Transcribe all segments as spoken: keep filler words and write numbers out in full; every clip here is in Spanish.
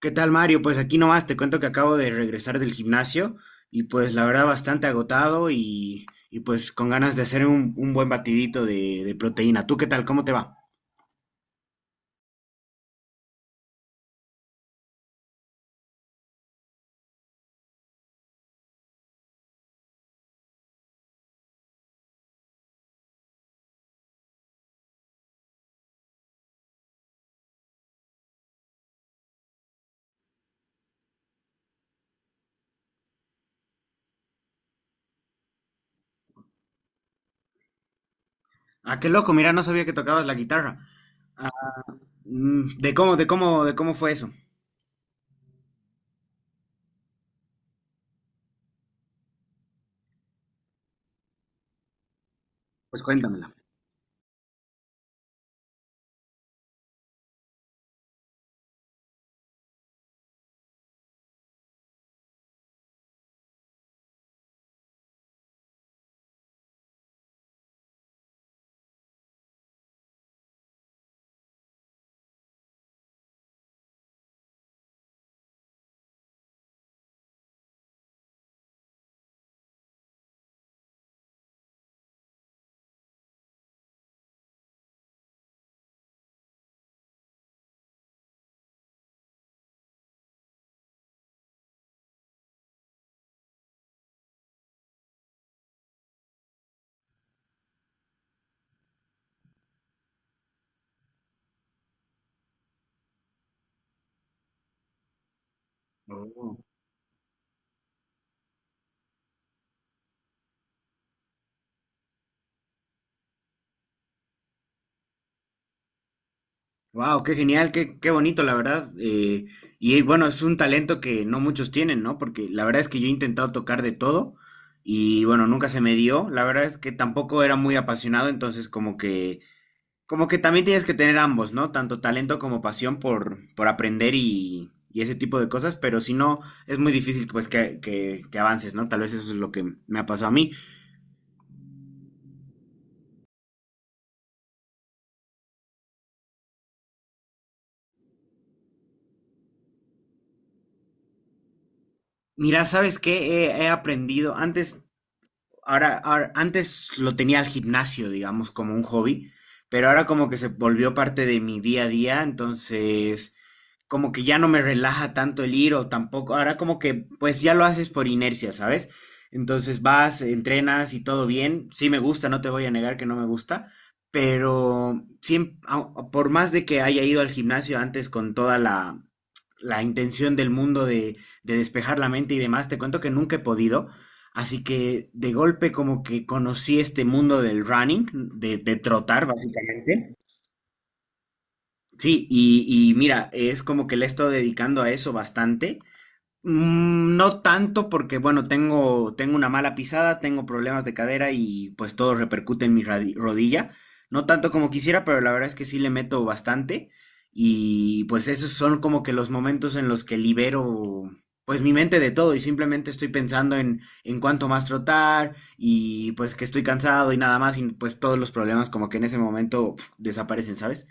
¿Qué tal, Mario? Pues aquí nomás te cuento que acabo de regresar del gimnasio y pues la verdad bastante agotado y, y, pues con ganas de hacer un, un buen batidito de, de proteína. ¿Tú qué tal? ¿Cómo te va? Ah, qué loco, mira, no sabía que tocabas la guitarra. Mm, ¿De cómo, de cómo, de cómo fue eso? Pues cuéntamela. Oh. Wow, qué genial, qué, qué bonito, la verdad. Eh, y bueno, es un talento que no muchos tienen, ¿no? Porque la verdad es que yo he intentado tocar de todo y bueno, nunca se me dio. La verdad es que tampoco era muy apasionado, entonces como que, como que también tienes que tener ambos, ¿no? Tanto talento como pasión por, por aprender y, y ese tipo de cosas, pero si no, es muy difícil pues que, que, que avances, ¿no? Tal vez eso es lo que me ha pasado a mí. Mira, ¿sabes qué? He, he aprendido antes. ahora, ahora- antes lo tenía al gimnasio, digamos, como un hobby, pero ahora como que se volvió parte de mi día a día, entonces como que ya no me relaja tanto el ir o tampoco, ahora como que pues ya lo haces por inercia, ¿sabes? Entonces vas, entrenas y todo bien, sí me gusta, no te voy a negar que no me gusta, pero siem- au- au- por más de que haya ido al gimnasio antes con toda la, la intención del mundo de, de despejar la mente y demás, te cuento que nunca he podido. Así que de golpe como que conocí este mundo del running, de, de trotar básicamente. Sí, y, y mira, es como que le he estado dedicando a eso bastante. Mm, no tanto porque, bueno, tengo, tengo una mala pisada, tengo problemas de cadera y pues todo repercute en mi radi- rodilla. No tanto como quisiera, pero la verdad es que sí le meto bastante. Y pues esos son como que los momentos en los que libero pues mi mente de todo y simplemente estoy pensando en, en cuánto más trotar y pues que estoy cansado y nada más y pues todos los problemas como que en ese momento pf, desaparecen, ¿sabes?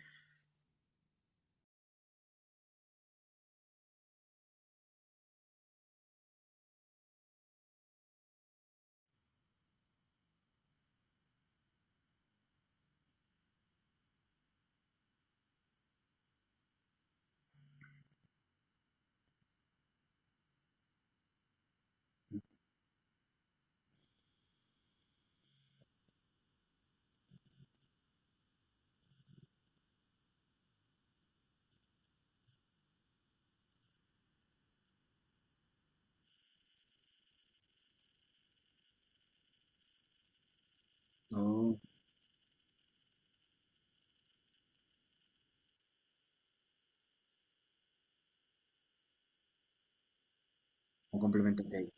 No, un complemento que hay.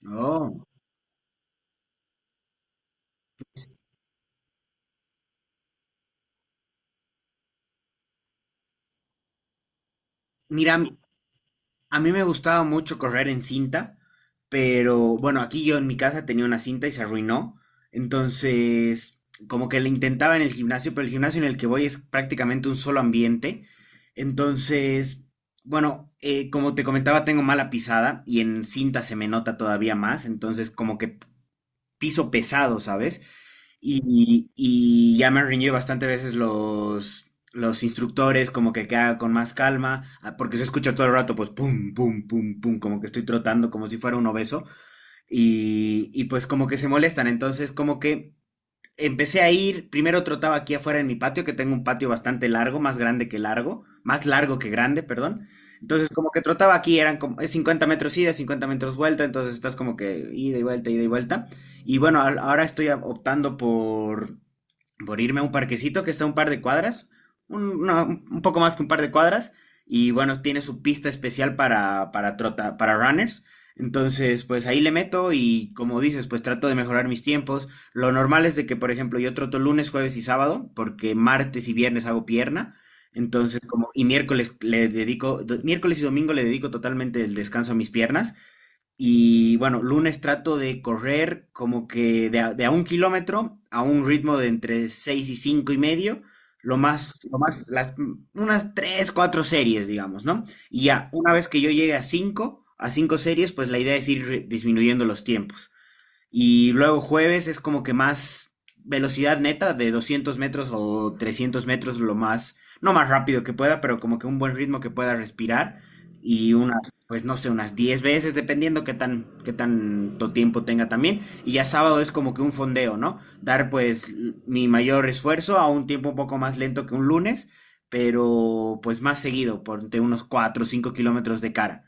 No. Mira, a mí me gustaba mucho correr en cinta, pero bueno, aquí yo en mi casa tenía una cinta y se arruinó. Entonces, como que le intentaba en el gimnasio, pero el gimnasio en el que voy es prácticamente un solo ambiente. Entonces, bueno, eh, como te comentaba, tengo mala pisada y en cinta se me nota todavía más. Entonces, como que piso pesado, ¿sabes? Y, y ya me han reñido bastante veces los, los instructores, como que queda con más calma, ah, porque se escucha todo el rato, pues pum, pum, pum, pum, como que estoy trotando, como si fuera un obeso, y, y pues como que se molestan, entonces como que empecé a ir, primero trotaba aquí afuera en mi patio, que tengo un patio bastante largo, más grande que largo, más largo que grande, perdón. Entonces, como que trotaba aquí, eran como es cincuenta metros ida, cincuenta metros vuelta, entonces estás como que ida y vuelta, ida y vuelta. Y bueno, al- ahora estoy a- optando por, por irme a un parquecito que está a un par de cuadras, un, no, un poco más que un par de cuadras, y bueno, tiene su pista especial para, para, trota, para runners. Entonces, pues ahí le meto y como dices, pues trato de mejorar mis tiempos. Lo normal es de que, por ejemplo, yo troto lunes, jueves y sábado, porque martes y viernes hago pierna. Entonces, como, y miércoles le dedico, do- miércoles y domingo le dedico totalmente el descanso a mis piernas. Y bueno, lunes trato de correr como que de a, de a un kilómetro a un ritmo de entre seis y cinco y medio. Lo más, lo más, las, unas tres, cuatro series, digamos, ¿no? Y ya, una vez que yo llegue a cinco, a cinco series, pues la idea es ir re- disminuyendo los tiempos. Y luego jueves es como que más velocidad neta de doscientos metros o trescientos metros, lo más, no más rápido que pueda, pero como que un buen ritmo que pueda respirar. Y unas, pues no sé, unas diez veces, dependiendo qué tan, qué tanto tiempo tenga también. Y ya sábado es como que un fondeo, ¿no? Dar pues l- mi mayor esfuerzo a un tiempo un poco más lento que un lunes, pero pues más seguido, por entre unos cuatro o cinco kilómetros de cara.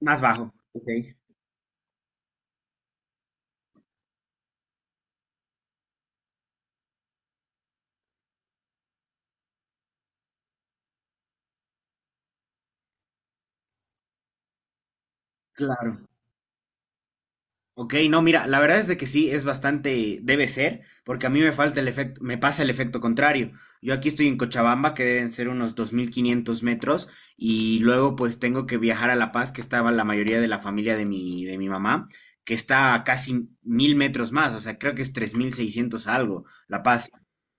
Más bajo. Ok. Claro. Ok, no, mira, la verdad es de que sí, es bastante, debe ser, porque a mí me falta el efecto, me pasa el efecto contrario. Yo aquí estoy en Cochabamba, que deben ser unos dos mil quinientos metros, y luego pues tengo que viajar a La Paz, que estaba la mayoría de la familia de mi, de mi mamá, que está a casi mil metros más, o sea, creo que es tres mil seiscientos algo, La Paz.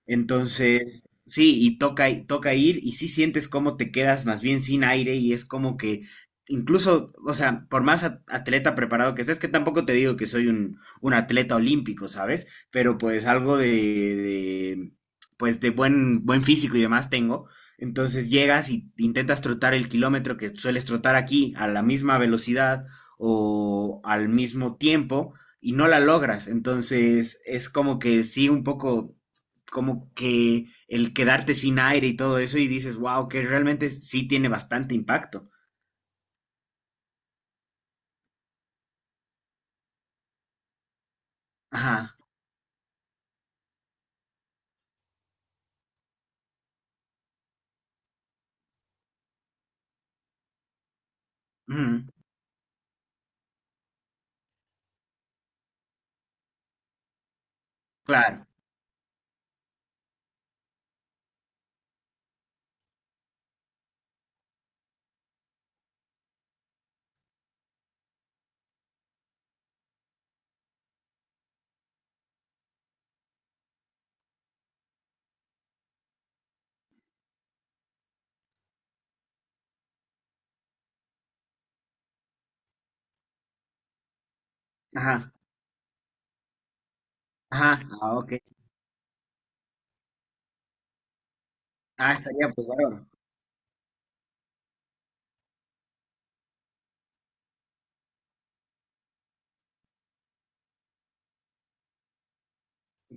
Entonces, sí, y toca, toca ir, y sí sientes cómo te quedas más bien sin aire, y es como que incluso, o sea, por más at- atleta preparado que estés, que tampoco te digo que soy un, un atleta olímpico, ¿sabes? Pero pues algo de, de, pues de buen, buen físico y demás tengo. Entonces llegas y intentas trotar el kilómetro que sueles trotar aquí a la misma velocidad o al mismo tiempo y no la logras. Entonces es como que sí, un poco como que el quedarte sin aire y todo eso y dices, wow, que realmente sí tiene bastante impacto. Ajá. Ujú, claro. Ajá, ajá, ah, ok. Ah, estaría pues bárbaro.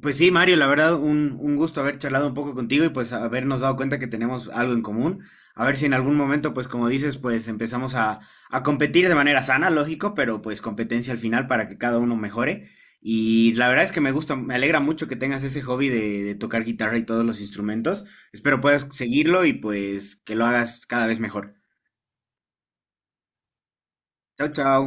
Pues sí, Mario, la verdad, un, un gusto haber charlado un poco contigo y pues habernos dado cuenta que tenemos algo en común. A ver si en algún momento, pues como dices, pues empezamos a, a competir de manera sana, lógico, pero pues competencia al final para que cada uno mejore. Y la verdad es que me gusta, me alegra mucho que tengas ese hobby de, de tocar guitarra y todos los instrumentos. Espero puedas seguirlo y pues que lo hagas cada vez mejor. Chao, chao.